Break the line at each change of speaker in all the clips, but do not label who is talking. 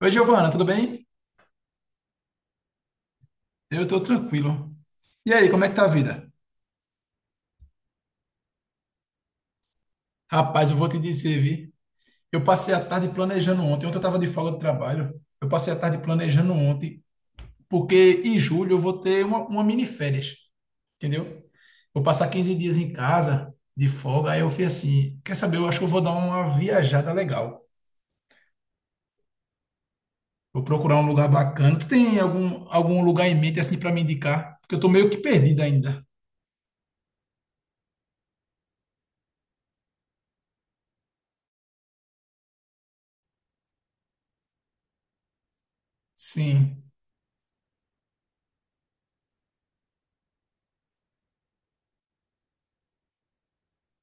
Oi, Giovana, tudo bem? Eu tô tranquilo. E aí, como é que tá a vida? Rapaz, eu vou te dizer, vi. Eu passei a tarde planejando ontem. Ontem eu tava de folga do trabalho. Eu passei a tarde planejando ontem, porque em julho eu vou ter uma mini férias, entendeu? Vou passar 15 dias em casa de folga. Aí eu fui assim, quer saber? Eu acho que eu vou dar uma viajada legal. Vou procurar um lugar bacana. Tu tem algum lugar em mente assim para me indicar? Porque eu tô meio que perdido ainda. Sim.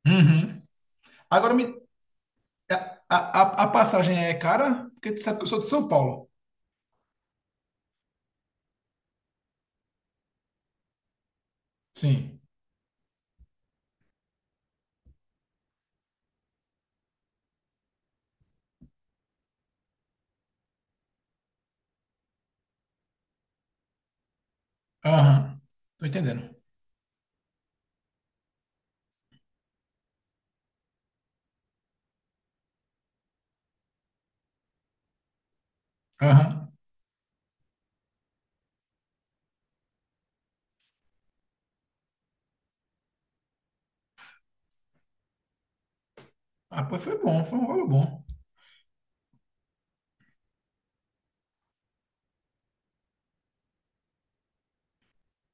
Uhum. Agora me, É, A, a passagem é cara? Porque tu sabe que eu sou de São Paulo. Sim. Aham. Tô entendendo. Aham. Ah, pois foi bom, foi um valor bom.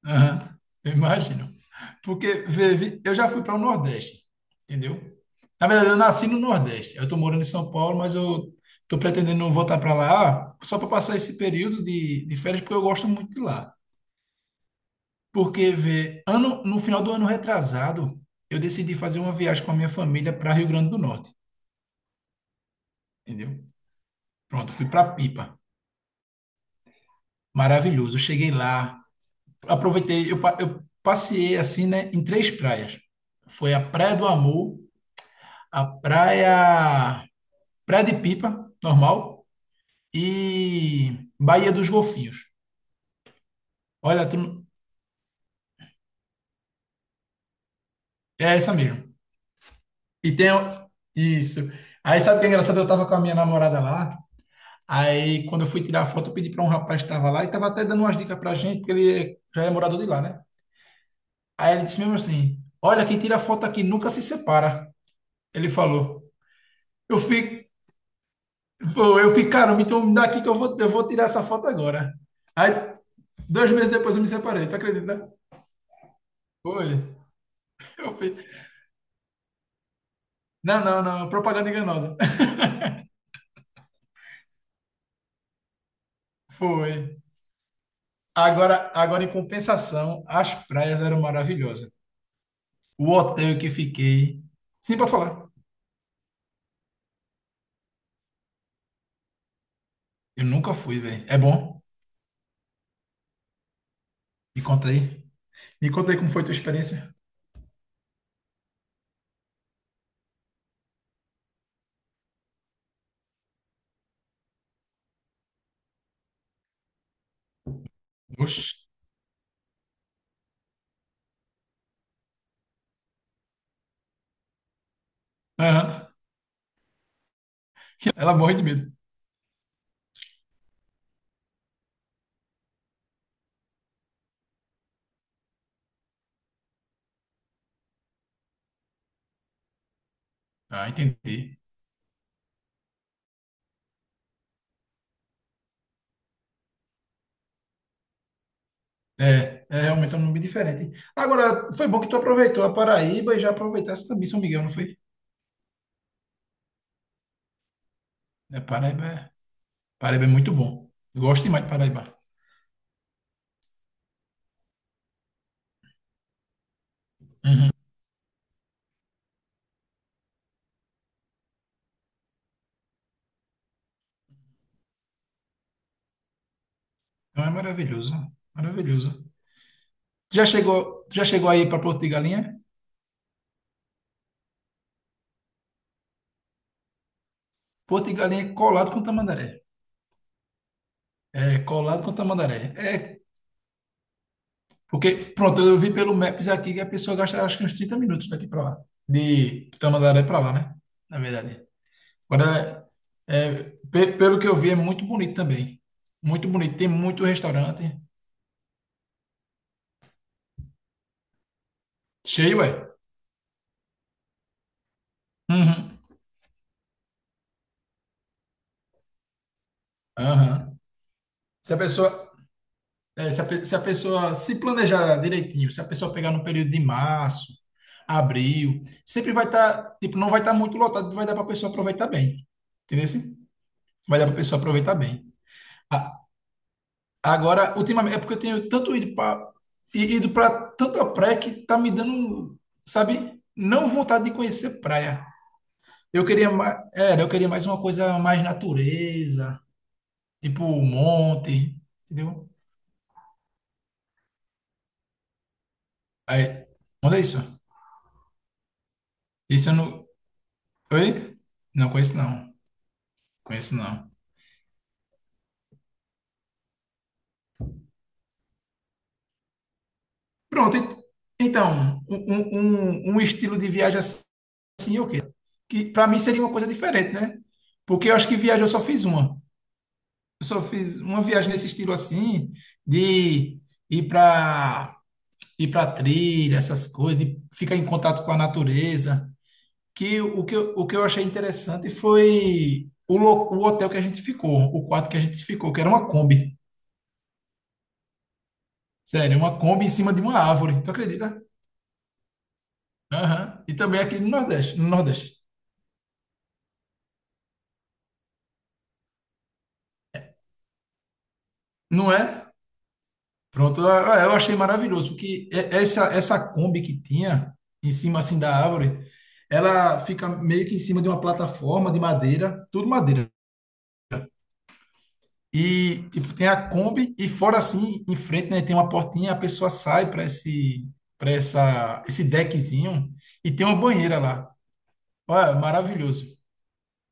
Aham. Eu imagino. Porque vê, eu já fui para o Nordeste, entendeu? Na verdade, eu nasci no Nordeste. Eu tô morando em São Paulo, mas eu tô pretendendo voltar para lá só para passar esse período de férias, porque eu gosto muito de lá. Porque vê, no final do ano retrasado, eu decidi fazer uma viagem com a minha família para Rio Grande do Norte, entendeu? Pronto, fui para Pipa. Maravilhoso. Eu cheguei lá, aproveitei, eu passeei assim, né, em três praias. Foi a Praia do Amor, a praia, praia de Pipa, normal, e Baía dos Golfinhos. Olha, tu não- é essa mesmo. E tem o- isso. Aí sabe o que é engraçado? Eu tava com a minha namorada lá. Aí quando eu fui tirar a foto, eu pedi para um rapaz que estava lá e tava até dando umas dicas pra gente, porque já é morador de lá, né? Aí ele disse mesmo assim: "Olha, quem tira foto aqui nunca se separa". Ele falou. Eu fico, eu fico, caramba, então me dá aqui que eu vou tirar essa foto agora. Aí, 2 meses depois eu me separei, tu acredita? Foi. Eu fui. Não, não, não, propaganda enganosa. Foi. Agora, em compensação, as praias eram maravilhosas. O hotel que fiquei. Sim, pode falar. Eu nunca fui, velho. É bom? Me conta aí. Me conta aí como foi tua experiência. Oxi. Aham. Ela morre de medo. Ah, entendi. É, realmente é um nome diferente. Agora, foi bom que tu aproveitou a Paraíba e já aproveitasse também São Miguel, não foi? É, Paraíba, é- Paraíba é muito bom. Eu gosto demais de Paraíba. Uhum. Então é maravilhoso, maravilhoso. Já chegou aí para Porto de Galinha? Porto de Galinha é colado com Tamandaré. É colado com Tamandaré. É, porque, pronto, eu vi pelo Maps aqui que a pessoa gasta acho que uns 30 minutos daqui para lá. De Tamandaré para lá, né? Na verdade. Agora, é, pelo que eu vi, é muito bonito também. Muito bonito. Tem muito restaurante. Cheio, é. Uhum. Aham. Se a pessoa, se a pessoa se planejar direitinho, se a pessoa pegar no período de março, abril, sempre vai estar, tipo, não vai estar muito lotado, vai dar para a pessoa aproveitar bem. Entendeu? Assim? Vai dar para a pessoa aproveitar bem. A- Agora, ultimamente, é porque eu tenho tanto ido para tanta praia que tá me dando, sabe, não vontade de conhecer praia. Eu queria mais uma coisa mais natureza, tipo um monte, entendeu? Aí, olha isso. Isso eu não. Oi? Não conheço não. Conheço não. Pronto. Então, um estilo de viagem assim, o quê? Que para mim seria uma coisa diferente, né? Porque eu acho que viagem eu só fiz uma. Eu só fiz uma viagem nesse estilo assim, de ir para ir para trilha, essas coisas, de ficar em contato com a natureza. Que o que eu achei interessante foi o hotel que a gente ficou, o quarto que a gente ficou, que era uma Kombi. Sério, uma Kombi em cima de uma árvore. Tu acredita? Aham. E também aqui no Nordeste, no Nordeste. Não é? Pronto, ah, eu achei maravilhoso, porque essa Kombi que tinha em cima assim da árvore, ela fica meio que em cima de uma plataforma de madeira, tudo madeira. E, tipo, tem a Kombi e fora assim, em frente, né, tem uma portinha, a pessoa sai para esse para essa esse deckzinho e tem uma banheira lá. Olha, maravilhoso.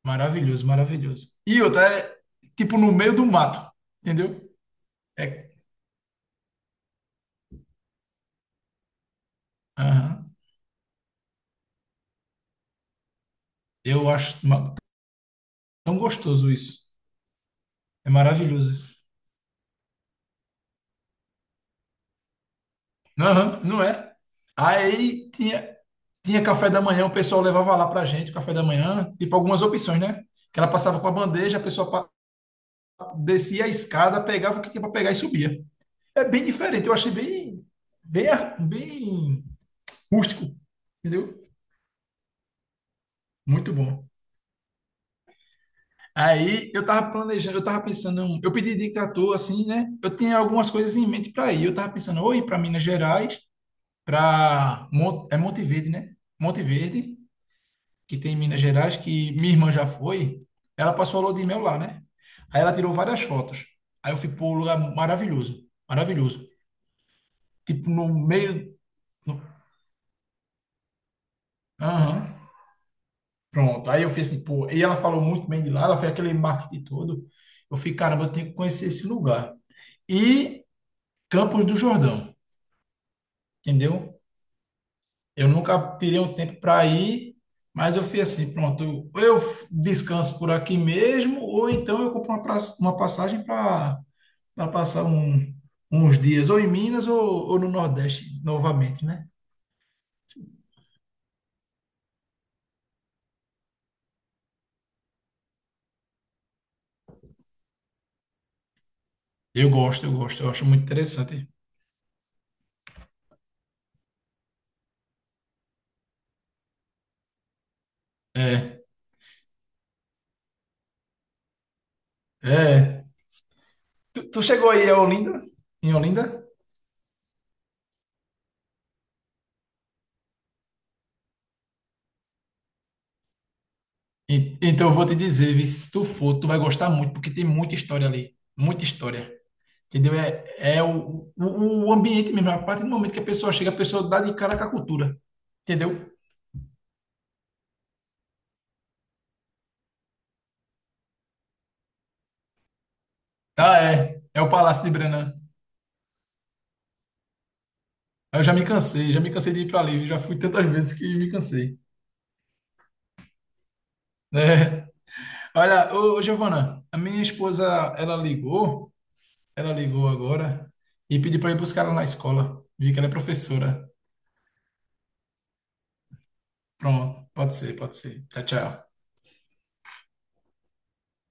Maravilhoso, maravilhoso. E outra é tipo no meio do mato, entendeu? É, aham. Eu acho tão gostoso isso. É maravilhoso isso. Aham, não é? Aí tinha café da manhã, o pessoal levava lá pra gente, o café da manhã, tipo algumas opções, né? Que ela passava com a bandeja, a pessoa descia a escada, pegava o que tinha para pegar e subia. É bem diferente, eu achei bem, bem, bem rústico, entendeu? Muito bom. Aí eu tava planejando, eu tava pensando, eu pedi dica à toa, assim, né? Eu tinha algumas coisas em mente para ir. Eu tava pensando, ou ir para Minas Gerais, para Monte Verde, né? Monte Verde, que tem em Minas Gerais, que minha irmã já foi. Ela passou a lua de mel lá, né? Aí ela tirou várias fotos. Aí eu fui pô, lugar maravilhoso, maravilhoso. Tipo, no meio, no- aham. Pronto. Aí eu fiz assim, pô, e ela falou muito bem de lá, ela fez aquele marketing todo. Eu fiquei, caramba, eu tenho que conhecer esse lugar. E Campos do Jordão, entendeu? Eu nunca tirei um tempo para ir, mas eu fiz assim, pronto, descanso por aqui mesmo, ou então eu compro uma passagem para passar uns dias, ou em Minas, ou no Nordeste novamente, né? Eu gosto, eu acho muito interessante. É. Tu chegou aí a Olinda? Em Olinda? Então eu vou te dizer, vi, se tu for, tu vai gostar muito, porque tem muita história ali, muita história. Entendeu? É, o ambiente mesmo, a partir do momento que a pessoa chega, a pessoa dá de cara com a cultura. Entendeu? Ah, é. É o Palácio de Brenan. Eu já me cansei de ir para ali, já fui tantas vezes que me cansei. É. Olha, ô, Giovana, a minha esposa, ela ligou, ela ligou agora e pediu para ir buscar ela na escola. Vi que ela é professora. Pronto, pode ser, pode ser. Tchau, tchau.